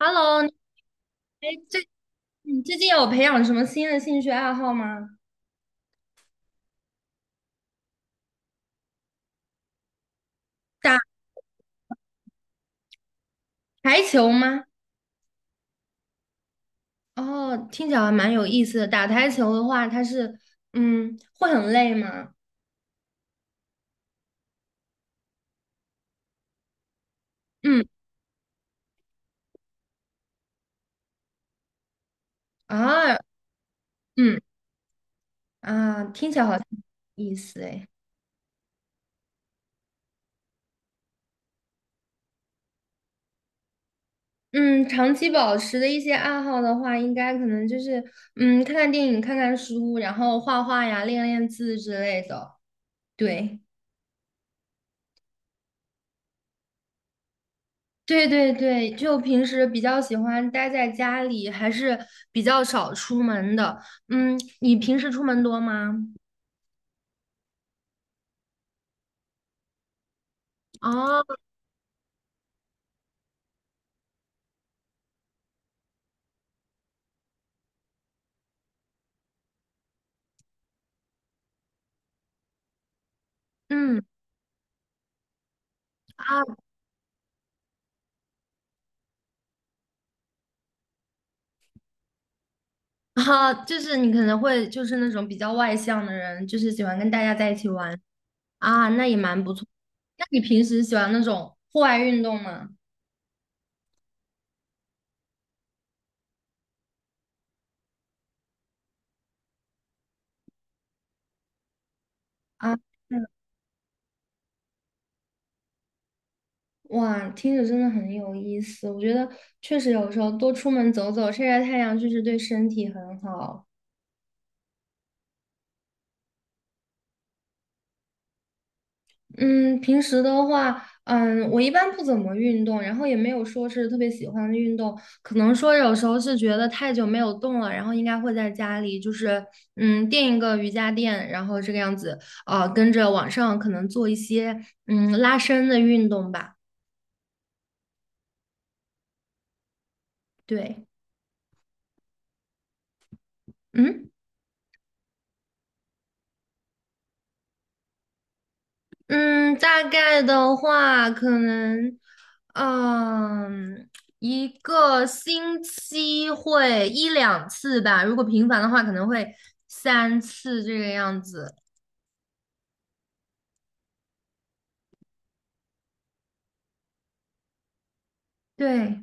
Hello，哎，最你最近有培养什么新的兴趣爱好吗？打台球吗？哦，听起来还蛮有意思的。打台球的话，它是会很累吗？嗯啊，嗯啊，听起来好像有意思哎。嗯，长期保持的一些爱好的话，应该可能就是看看电影、看看书，然后画画呀、练练字之类的。对。对对对，就平时比较喜欢待在家里，还是比较少出门的。你平时出门多吗？哦，嗯啊啊，就是你可能会就是那种比较外向的人，就是喜欢跟大家在一起玩啊，那也蛮不错。那你平时喜欢那种户外运动吗？啊，嗯哇，听着真的很有意思。我觉得确实有时候多出门走走，晒晒太阳，确实对身体很好。嗯，平时的话，我一般不怎么运动，然后也没有说是特别喜欢的运动，可能说有时候是觉得太久没有动了，然后应该会在家里就是垫一个瑜伽垫，然后这个样子，跟着网上可能做一些拉伸的运动吧，对，嗯。嗯，大概的话，可能，嗯，一个星期会一两次吧。如果频繁的话，可能会三次这个样子。对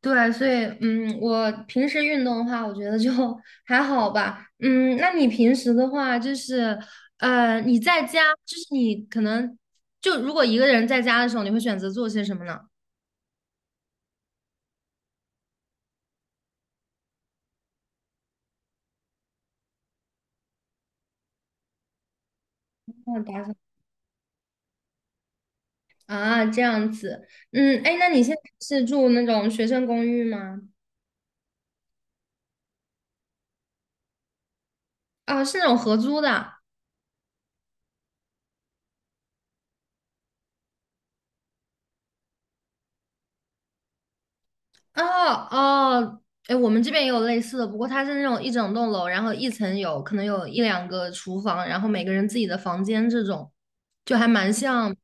对，所以我平时运动的话，我觉得就 还好吧。嗯，那你平时的话，就是你在家，就是你可能就如果一个人在家的时候，你会选择做些什么呢？哦打扫啊，这样子，哎，那你现在是住那种学生公寓吗？啊，是那种合租的。哦哦，哎，我们这边也有类似的，不过它是那种一整栋楼，然后一层有可能有一两个厨房，然后每个人自己的房间这种，就还蛮像，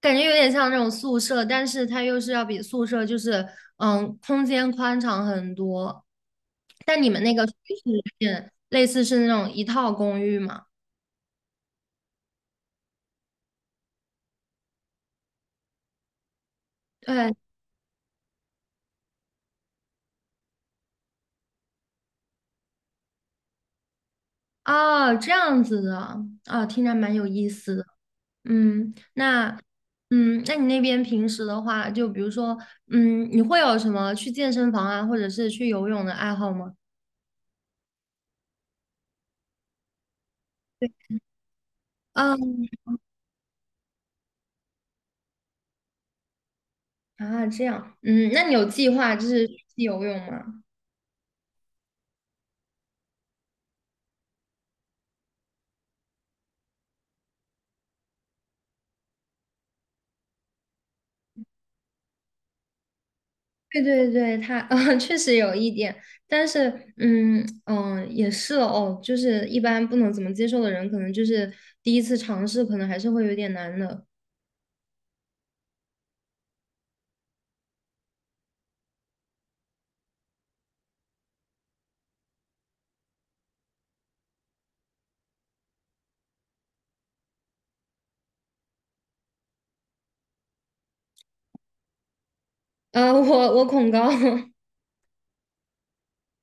感觉有点像那种宿舍，但是它又是要比宿舍就是空间宽敞很多。但你们那个属于是有点类似是那种一套公寓嘛？对，哦，这样子的，啊、听着蛮有意思的。嗯，那，那你那边平时的话，就比如说，你会有什么去健身房啊，或者是去游泳的爱好吗？嗯，啊，这样，那你有计划就是去游泳吗？对对对，确实有一点，但是，嗯嗯、也是哦，就是一般不能怎么接受的人，可能就是第一次尝试，可能还是会有点难的。我恐高。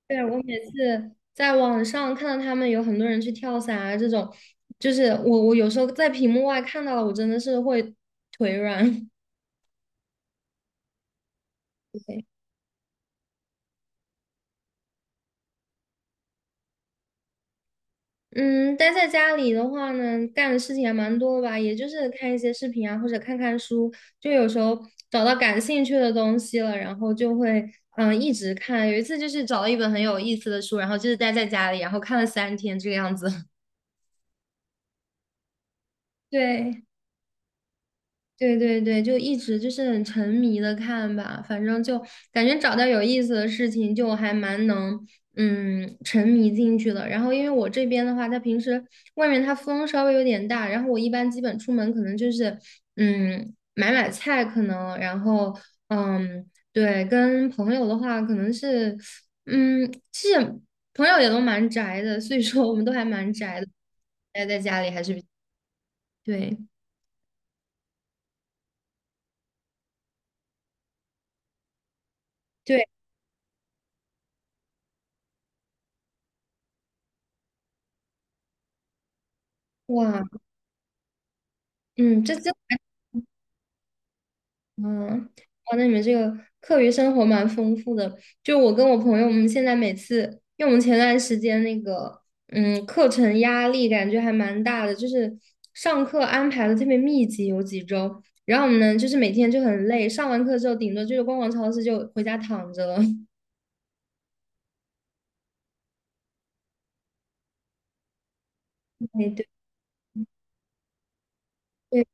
对，我每次在网上看到他们有很多人去跳伞啊，这种，就是我有时候在屏幕外看到了，我真的是会腿软。对，嗯，待在家里的话呢，干的事情还蛮多吧，也就是看一些视频啊，或者看看书，就有时候找到感兴趣的东西了，然后就会一直看。有一次就是找了一本很有意思的书，然后就是待在家里，然后看了3天这个样子。对。对对对，就一直就是很沉迷的看吧，反正就感觉找到有意思的事情，就还蛮能沉迷进去的。然后因为我这边的话，它平时外面它风稍微有点大，然后我一般基本出门可能就是买买菜，可能然后嗯对，跟朋友的话可能是其实朋友也都蛮宅的，所以说我们都还蛮宅的，待在家里还是比对对哇嗯这真。嗯，哇，那你们这个课余生活蛮丰富的。就我跟我朋友，我们现在每次，因为我们前段时间那个，课程压力感觉还蛮大的，就是上课安排的特别密集，有几周，然后我们呢，就是每天就很累，上完课之后，顶多就是逛逛超市，就回家躺着了。哎，对对，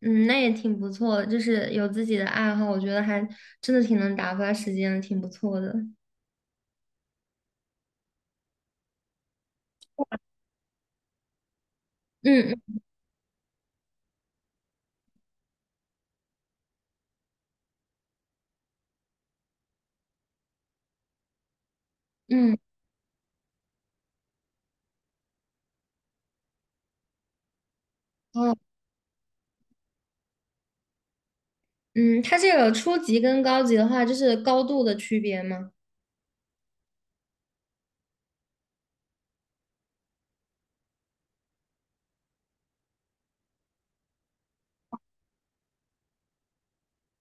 嗯，那也挺不错的，就是有自己的爱好，我觉得还真的挺能打发时间的，挺不错的。嗯嗯嗯，哦，嗯，它这个初级跟高级的话，就是高度的区别吗？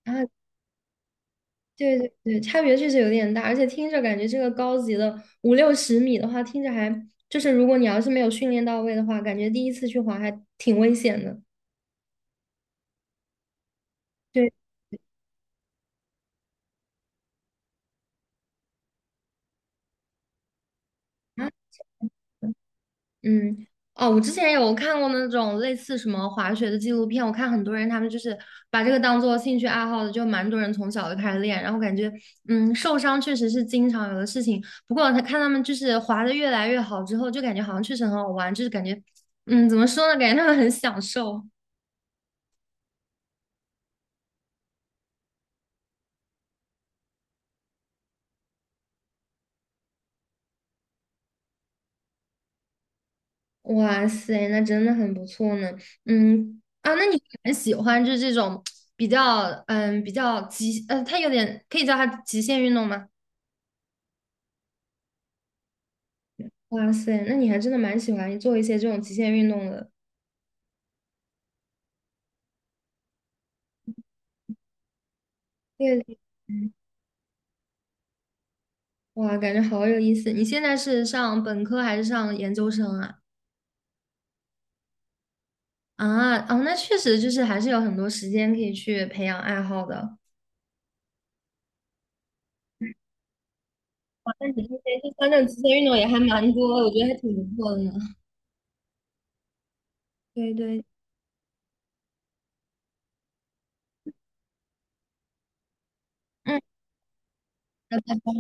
啊，对对对，差别确实有点大，而且听着感觉这个高级的五六十米的话，听着还就是如果你要是没有训练到位的话，感觉第一次去滑还挺危险的。对啊，嗯，哦，我之前有看过那种类似什么滑雪的纪录片，我看很多人他们就是把这个当做兴趣爱好的，就蛮多人从小就开始练，然后感觉，受伤确实是经常有的事情。不过他看他们就是滑的越来越好之后，就感觉好像确实很好玩，就是感觉，怎么说呢，感觉他们很享受。哇塞，那真的很不错呢。啊，那你很喜欢就是这种比较，嗯，比较极，呃，他有点可以叫他极限运动吗？哇塞，那你还真的蛮喜欢做一些这种极限运动的。对，嗯哇，感觉好有意思。你现在是上本科还是上研究生啊？啊，哦，那确实就是还是有很多时间可以去培养爱好的。哇，那你这些就像这种极限运动也还蛮多我觉得还挺不错的呢。对对，嗯，那拜拜。